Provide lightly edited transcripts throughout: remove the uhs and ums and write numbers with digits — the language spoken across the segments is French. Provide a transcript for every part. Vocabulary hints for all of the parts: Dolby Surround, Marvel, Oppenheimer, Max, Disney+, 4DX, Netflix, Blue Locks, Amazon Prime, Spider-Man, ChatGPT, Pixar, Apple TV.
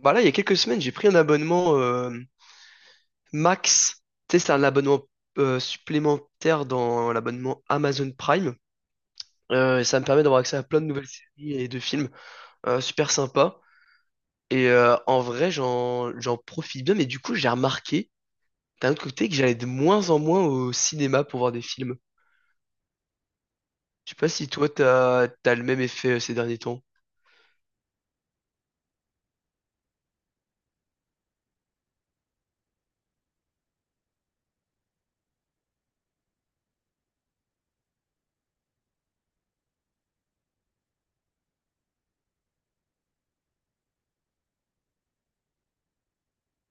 Bah là, il y a quelques semaines, j'ai pris un abonnement Max. Tu sais, c'est un abonnement supplémentaire dans l'abonnement Amazon Prime. Et ça me permet d'avoir accès à plein de nouvelles séries et de films. Super sympa. Et en vrai, j'en profite bien. Mais du coup, j'ai remarqué d'un autre côté que j'allais de moins en moins au cinéma pour voir des films. Je sais pas si toi, t'as le même effet ces derniers temps.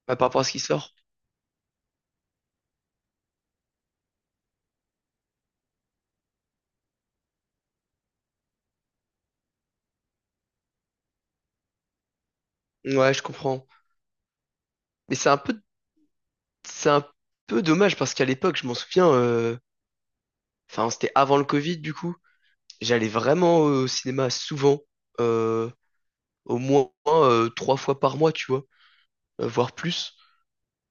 Ouais, par rapport à ce qui sort. Ouais, je comprends. Mais c'est un peu dommage parce qu'à l'époque, je m'en souviens, enfin, c'était avant le Covid, du coup. J'allais vraiment au cinéma souvent, euh, au moins trois fois par mois, tu vois, voire plus.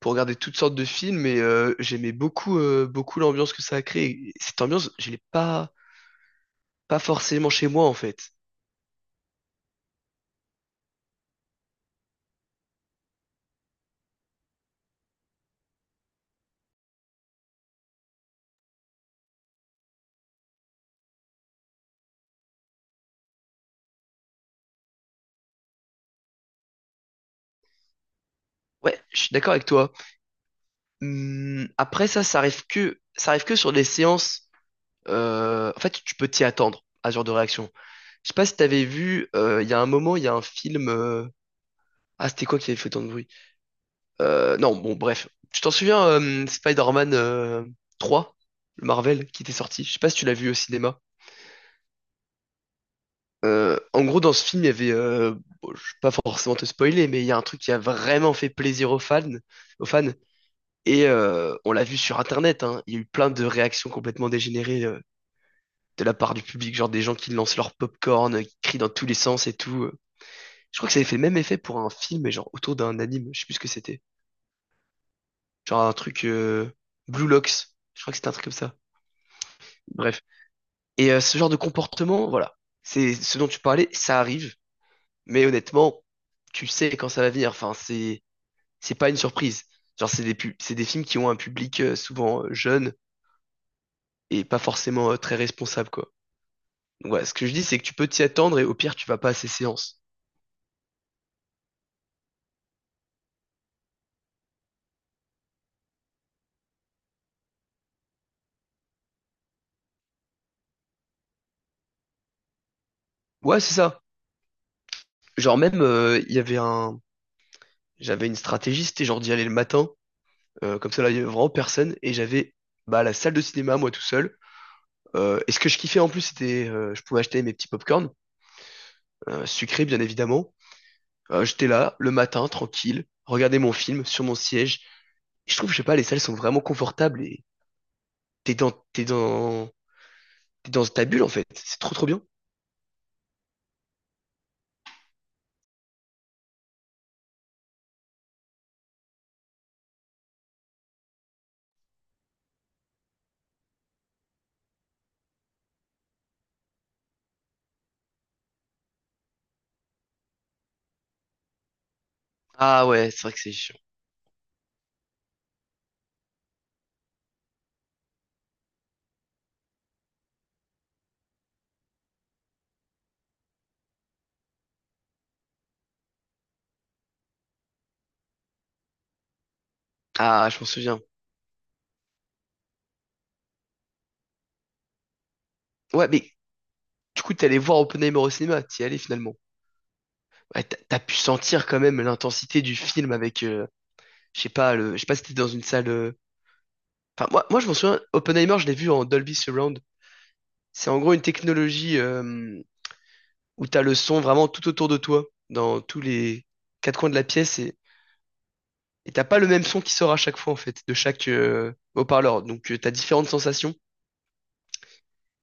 Pour regarder toutes sortes de films et j'aimais beaucoup, beaucoup l'ambiance que ça a créé. Cette ambiance, je l'ai pas, pas forcément chez moi en fait. Ouais, je suis d'accord avec toi. Après ça, ça arrive que sur des séances. En fait, tu peux t'y attendre à ce genre de réaction. Je sais pas si t'avais vu, il y a un moment, il y a un film. Ah, c'était quoi qui avait fait tant de bruit? Non, bon, bref. Tu t'en souviens, Spider-Man 3, le Marvel qui était sorti. Je sais pas si tu l'as vu au cinéma. En gros, dans ce film, il y avait, bon, je vais pas forcément te spoiler, mais il y a un truc qui a vraiment fait plaisir aux fans, aux fans. Et on l'a vu sur Internet, hein, il y a eu plein de réactions complètement dégénérées de la part du public, genre des gens qui lancent leur popcorn, qui crient dans tous les sens et tout. Je crois que ça avait fait le même effet pour un film, mais genre autour d'un anime, je sais plus ce que c'était. Genre un truc Blue Locks, je crois que c'était un truc comme ça. Bref. Et ce genre de comportement, voilà, c'est ce dont tu parlais, ça arrive, mais honnêtement tu sais quand ça va venir. Enfin, c'est pas une surprise. Genre, c'est des films qui ont un public souvent jeune et pas forcément très responsable, quoi. Donc, voilà, ce que je dis, c'est que tu peux t'y attendre et au pire, tu vas pas à ces séances. Ouais, c'est ça. Genre, même, il y avait un, j'avais une stratégie, c'était genre d'y aller le matin, comme ça, là, il y avait vraiment personne bah, la salle de cinéma, moi tout seul. Et ce que je kiffais en plus, c'était, je pouvais acheter mes petits popcorn, sucrés, bien évidemment. J'étais là, le matin, tranquille, regarder mon film sur mon siège. Et je trouve, je sais pas, les salles sont vraiment confortables et t'es dans, t'es dans, t'es dans ta bulle en fait. C'est trop trop bien. Ah ouais, c'est vrai que c'est chiant. Ah, je m'en souviens. Ouais, mais du coup, t'es allé voir Oppenheimer au cinéma, t'y es allé finalement. Ouais, t'as pu sentir quand même l'intensité du film avec, je sais pas, je sais pas si t'étais dans une salle. Enfin, moi, je m'en souviens, Oppenheimer, je l'ai vu en Dolby Surround. C'est en gros une technologie où t'as le son vraiment tout autour de toi, dans tous les quatre coins de la pièce, et t'as pas le même son qui sort à chaque fois en fait, de chaque haut-parleur. Donc, t'as différentes sensations.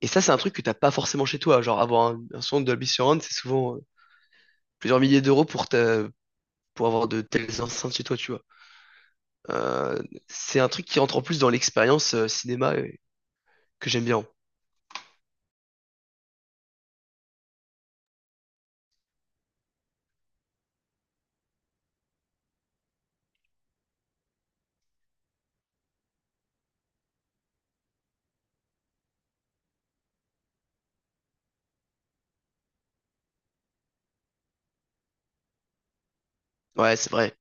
Et ça, c'est un truc que t'as pas forcément chez toi. Genre, un son Dolby Surround, c'est souvent plusieurs milliers d'euros pour avoir de telles enceintes chez toi, tu vois. Euh, c'est un truc qui rentre en plus dans l'expérience cinéma que j'aime bien. Ouais, c'est vrai.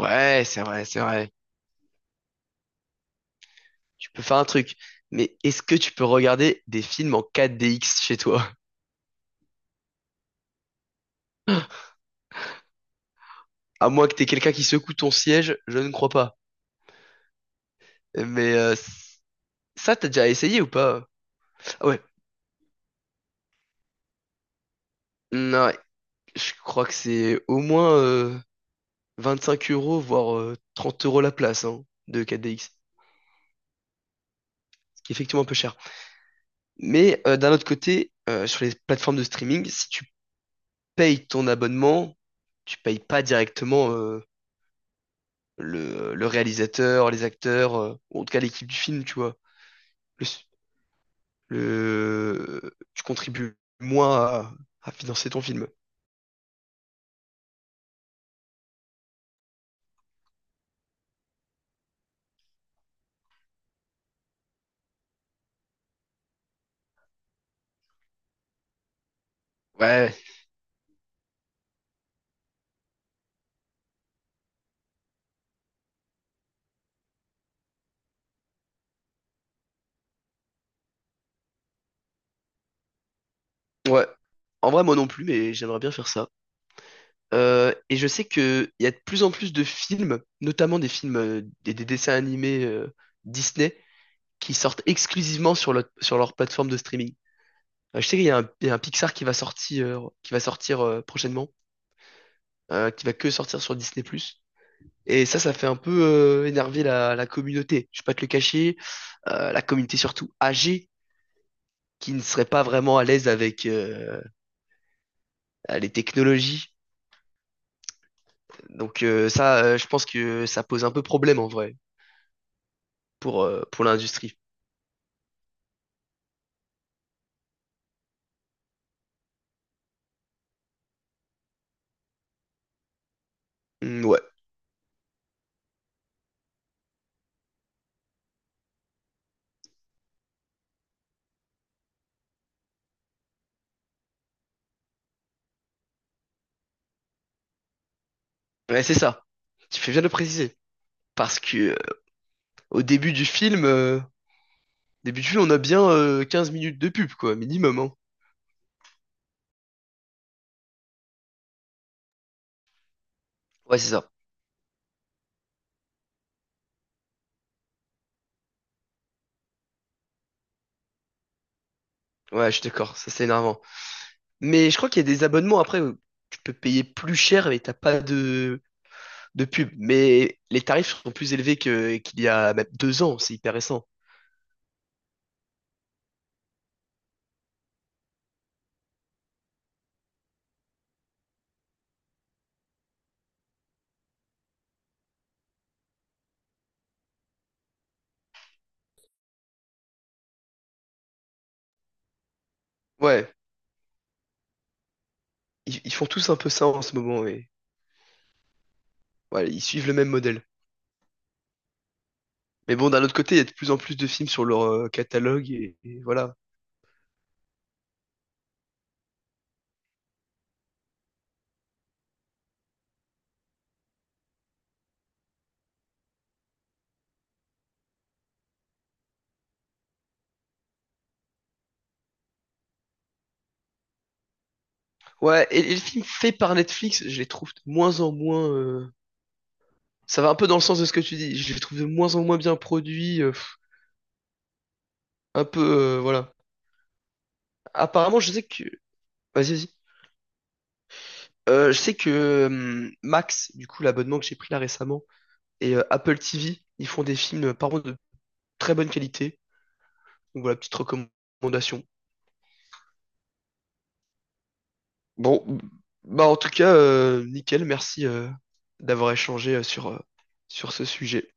Ouais, c'est vrai, c'est vrai. Tu peux faire un truc. Mais est-ce que tu peux regarder des films en 4DX chez toi? À moins que t'aies quelqu'un qui secoue ton siège, je ne crois pas. Mais ça, t'as déjà essayé ou pas? Ah ouais. Non, ouais. Je crois que c'est au moins 25 euros, voire 30 euros la place hein, de 4DX. Ce qui est effectivement un peu cher. Mais d'un autre côté, sur les plateformes de streaming, si tu payes ton abonnement, tu payes pas directement le réalisateur, les acteurs, ou en tout cas l'équipe du film, tu vois. Le, Tu contribues moins à financer ton film. Ouais, ouais. En vrai, moi non plus, mais j'aimerais bien faire ça. Et je sais que il y a de plus en plus de films, notamment des films, des dessins animés Disney, qui sortent exclusivement sur leur plateforme de streaming. Je sais qu'il y a il y a un Pixar qui va sortir prochainement, qui va que sortir sur Disney+. Et ça fait un peu énerver la communauté. Je vais pas te le cacher, la communauté surtout âgée, qui ne serait pas vraiment à l'aise avec les technologies. Donc ça, je pense que ça pose un peu problème en vrai pour l'industrie. Hmm, ouais, ouais, c'est ça. Tu fais bien de le préciser. Parce que au début du film, on a bien 15 minutes de pub, quoi, minimum, hein. Ouais, c'est ça. Ouais, je suis d'accord, ça c'est énervant. Mais je crois qu'il y a des abonnements après où tu peux payer plus cher mais t'as pas de, de pub. Mais les tarifs sont plus élevés que qu'il y a même deux ans, c'est hyper récent. Ouais, ils font tous un peu ça en ce moment, et ouais, ils suivent le même modèle. Mais bon, d'un autre côté, il y a de plus en plus de films sur leur catalogue et voilà. Ouais, et les films faits par Netflix, je les trouve de moins en moins. Ça va un peu dans le sens de ce que tu dis. Je les trouve de moins en moins bien produits. Un peu, voilà. Apparemment, je sais que. Vas-y, vas-y. Je sais que Max, du coup, l'abonnement que j'ai pris là récemment, et Apple TV, ils font des films par contre de très bonne qualité. Donc voilà, petite recommandation. Bon, bah en tout cas, nickel, merci d'avoir échangé sur ce sujet.